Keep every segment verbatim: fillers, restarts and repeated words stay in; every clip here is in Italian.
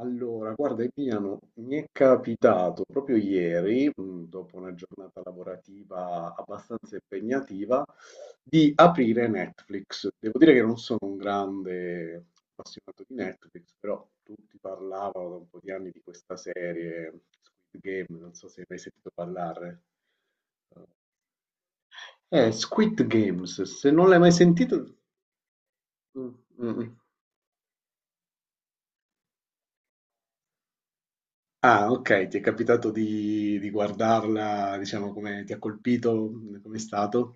Allora, guarda Emiliano, mi è capitato proprio ieri, mh, dopo una giornata lavorativa abbastanza impegnativa, di aprire Netflix. Devo dire che non sono un grande appassionato di Netflix, però tutti parlavano da un po' di anni di questa serie, Squid Game, non so se hai mai sentito parlare. Eh, Squid Games, se non l'hai mai sentito... Mm, mm. Mm. Ah, ok, ti è capitato di, di guardarla, diciamo, come ti ha colpito, come è stato?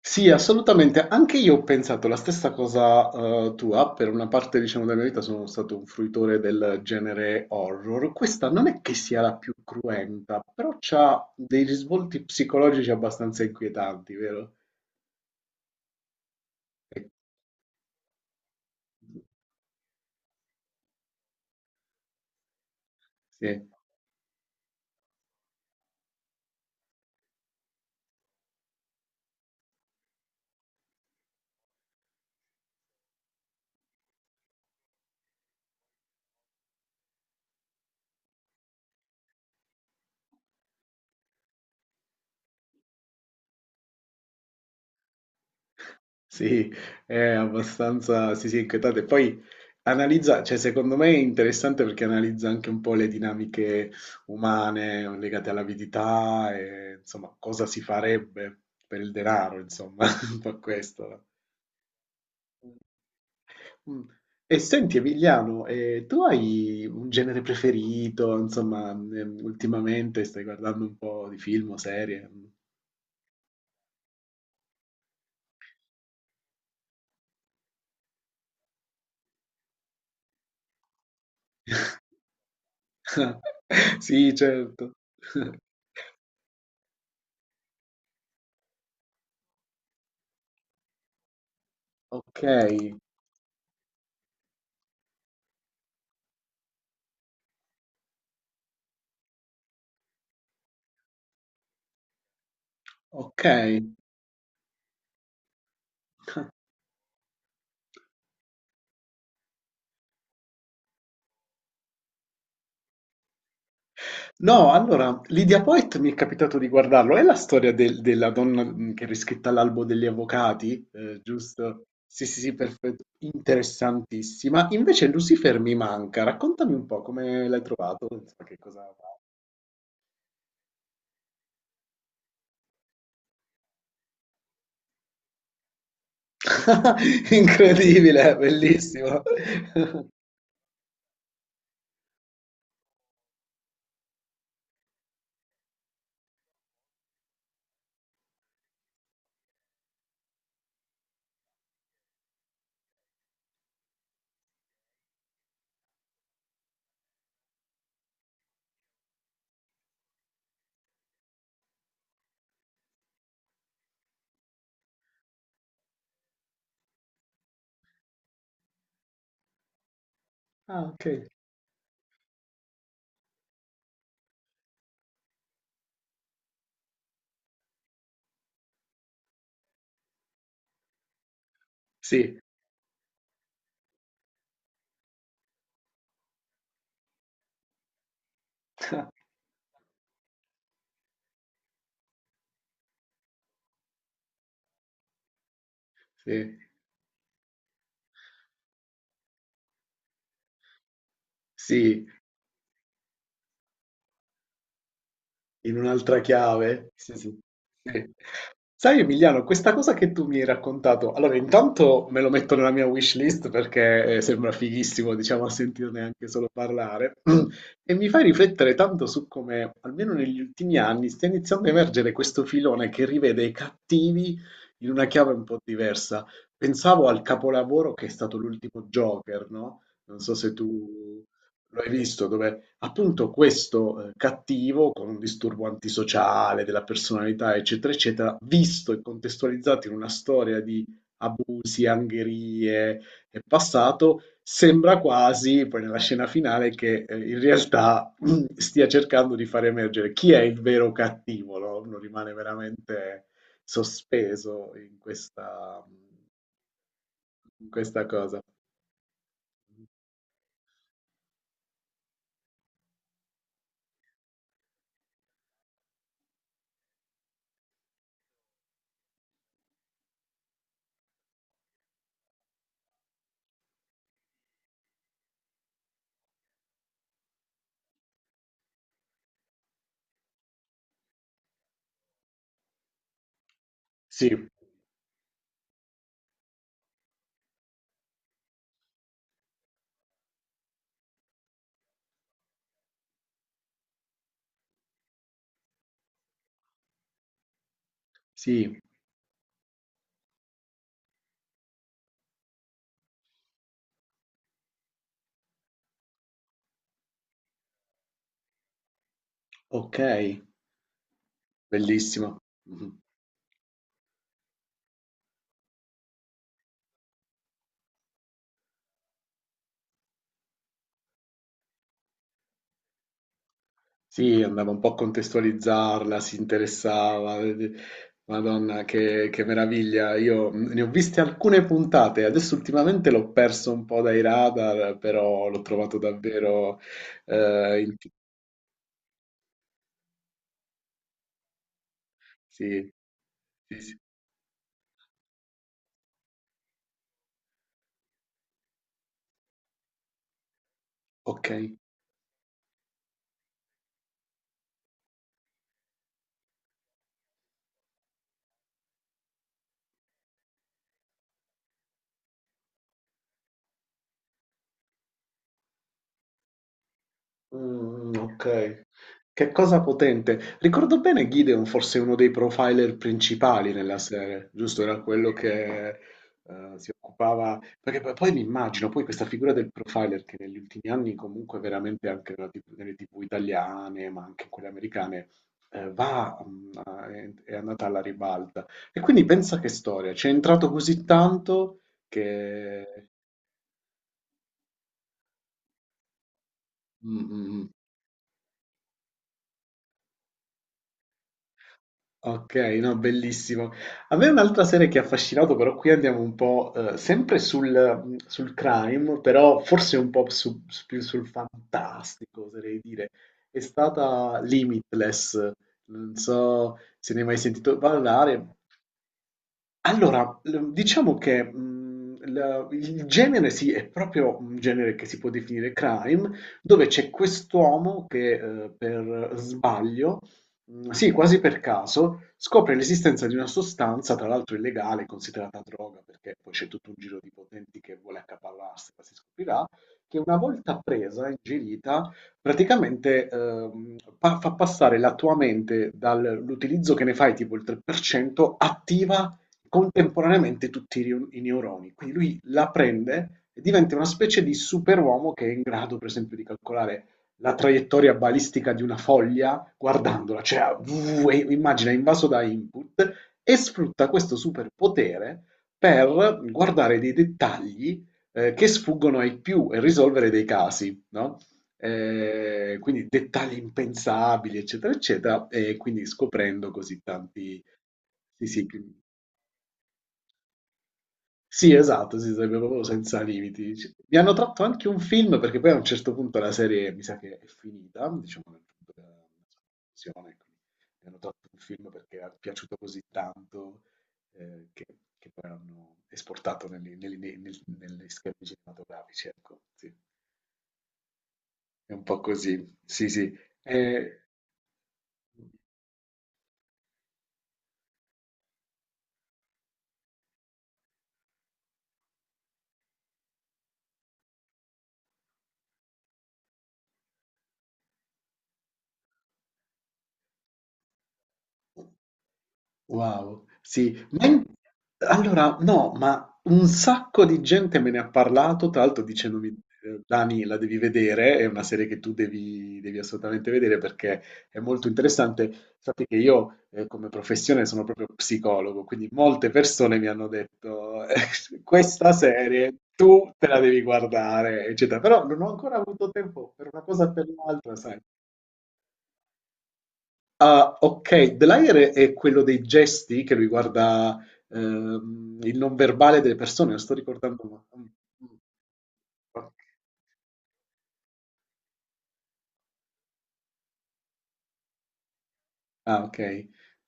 Sì, assolutamente, anche io ho pensato la stessa cosa eh, tua, per una parte, diciamo, della mia vita sono stato un fruitore del genere horror. Questa non è che sia la più cruenta, però ha dei risvolti psicologici abbastanza inquietanti, vero? Eh, Sì. Sì, è abbastanza, sì, sì, inquietante. Poi analizza, cioè secondo me è interessante perché analizza anche un po' le dinamiche umane legate all'avidità e insomma cosa si farebbe per il denaro, insomma, un po' questo, no? Mm. E senti Emiliano, eh, tu hai un genere preferito? Insomma, ehm, ultimamente stai guardando un po' di film o serie? Sì, certo. Ok, ok. No, allora, Lydia Poet mi è capitato di guardarlo. È la storia del- della donna mh, che è riscritta all'albo degli avvocati, eh, giusto? Sì, sì, sì, perfetto. Interessantissima. Invece Lucifer mi manca. Raccontami un po' come l'hai trovato, insomma, che cosa... Incredibile, bellissimo. Ah, ok. Sì. Sì, sì. In un'altra chiave? Sì, sì. Sì. Sai Emiliano, questa cosa che tu mi hai raccontato, allora intanto me lo metto nella mia wish list perché eh, sembra fighissimo, diciamo, a sentirne anche solo parlare, e mi fai riflettere tanto su come, almeno negli ultimi anni, stia iniziando a emergere questo filone che rivede i cattivi in una chiave un po' diversa. Pensavo al capolavoro che è stato l'ultimo Joker, no? Non so se tu lo hai visto, dove appunto questo, ehm, cattivo con un disturbo antisociale della personalità, eccetera, eccetera, visto e contestualizzato in una storia di abusi, angherie e passato, sembra quasi, poi nella scena finale, che eh, in realtà stia cercando di far emergere chi è il vero cattivo, no? Uno rimane veramente sospeso in questa, in questa cosa. Sì, sì, ok, bellissimo. Mhm. Sì, andava un po' a contestualizzarla, si interessava. Madonna, che, che meraviglia. Io ne ho viste alcune puntate, adesso ultimamente l'ho perso un po' dai radar, però l'ho trovato davvero... eh, in- Sì, sì, sì. Ok. Mm, ok. Che cosa potente. Ricordo bene Gideon fosse uno dei profiler principali nella serie, giusto? Era quello che eh, si occupava... Perché poi, poi mi immagino poi questa figura del profiler che negli ultimi anni comunque veramente anche nella T V nelle T V italiane, ma anche in quelle americane, eh, va, mm, a- è è andata alla ribalta. E quindi pensa che storia, ci è entrato così tanto che... Mm, mm, mm. Ok, no, bellissimo. A me un'altra serie che ha affascinato, però qui andiamo un po' eh, sempre sul, sul crime, però forse un po' su- su- più sul fantastico, oserei dire, è stata Limitless. Non so se ne hai mai sentito parlare. Allora, l diciamo che, mhmm, l il genere sì, è proprio un genere che si può definire crime, dove c'è quest'uomo che, ehm, per sbaglio, mhmm, sì, quasi per caso, scopre l'esistenza di una sostanza, tra l'altro illegale, considerata droga, perché poi c'è tutto un giro di potenti che vuole accaparrarsela, si scoprirà, che una volta presa, ingerita, praticamente, ehm, pa fa passare la tua mente dall'utilizzo che ne fai tipo il tre per cento, attiva contemporaneamente tutti i rio- i neuroni. Quindi lui la prende e diventa una specie di superuomo che è in grado, per esempio, di calcolare la traiettoria balistica di una foglia guardandola, cioè uh, e immagina invaso da input e sfrutta questo superpotere per guardare dei dettagli eh, che sfuggono ai più e risolvere dei casi, no? Eh, quindi dettagli impensabili, eccetera, eccetera, e quindi scoprendo così tanti, sì, sì, sì, esatto, sì, sarebbe proprio senza limiti. C- Mi hanno tratto anche un film perché poi a un certo punto la serie mi sa che è finita, diciamo nel punto della conclusione, quindi mi hanno tratto un film perché è piaciuto così tanto eh, che, che poi hanno esportato negli, negli- nei- nel- negli schermi cinematografici, ecco, sì. È un po' così, sì, sì. Eh, wow, sì, ma in- allora no, ma un sacco di gente me ne ha parlato, tra l'altro dicendomi, eh, Dani, la devi vedere, è una serie che tu devi, devi assolutamente vedere perché è molto interessante. Sappi che io eh, come professione sono proprio psicologo, quindi molte persone mi hanno detto, questa serie tu te la devi guardare, eccetera, però non ho ancora avuto tempo per una cosa o per l'altra, sai. Ah, ok. The Liar è, è quello dei gesti che riguarda ehm, il non verbale delle persone, lo sto ricordando. ma- mm, mm. Ok. Ah, ok.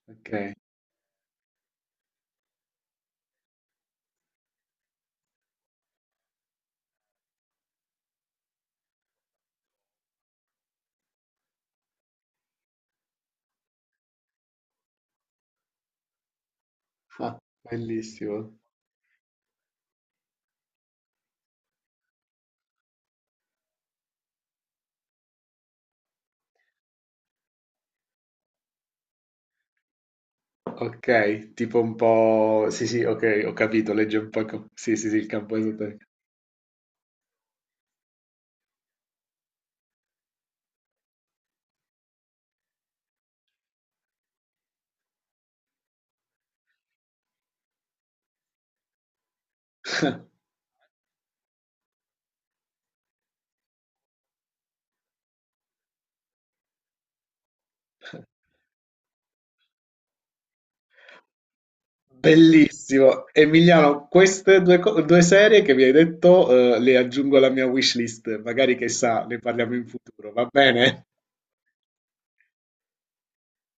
Ok. Ah, bellissimo. Ok, tipo un po'... Sì, sì, ok, ho capito, legge un po'... il camp- Sì, sì, sì, il campo esoterico. Bellissimo. Emiliano, queste due, co- due serie che mi hai detto, eh, le aggiungo alla mia wishlist, magari che sa, ne parliamo in futuro, va bene?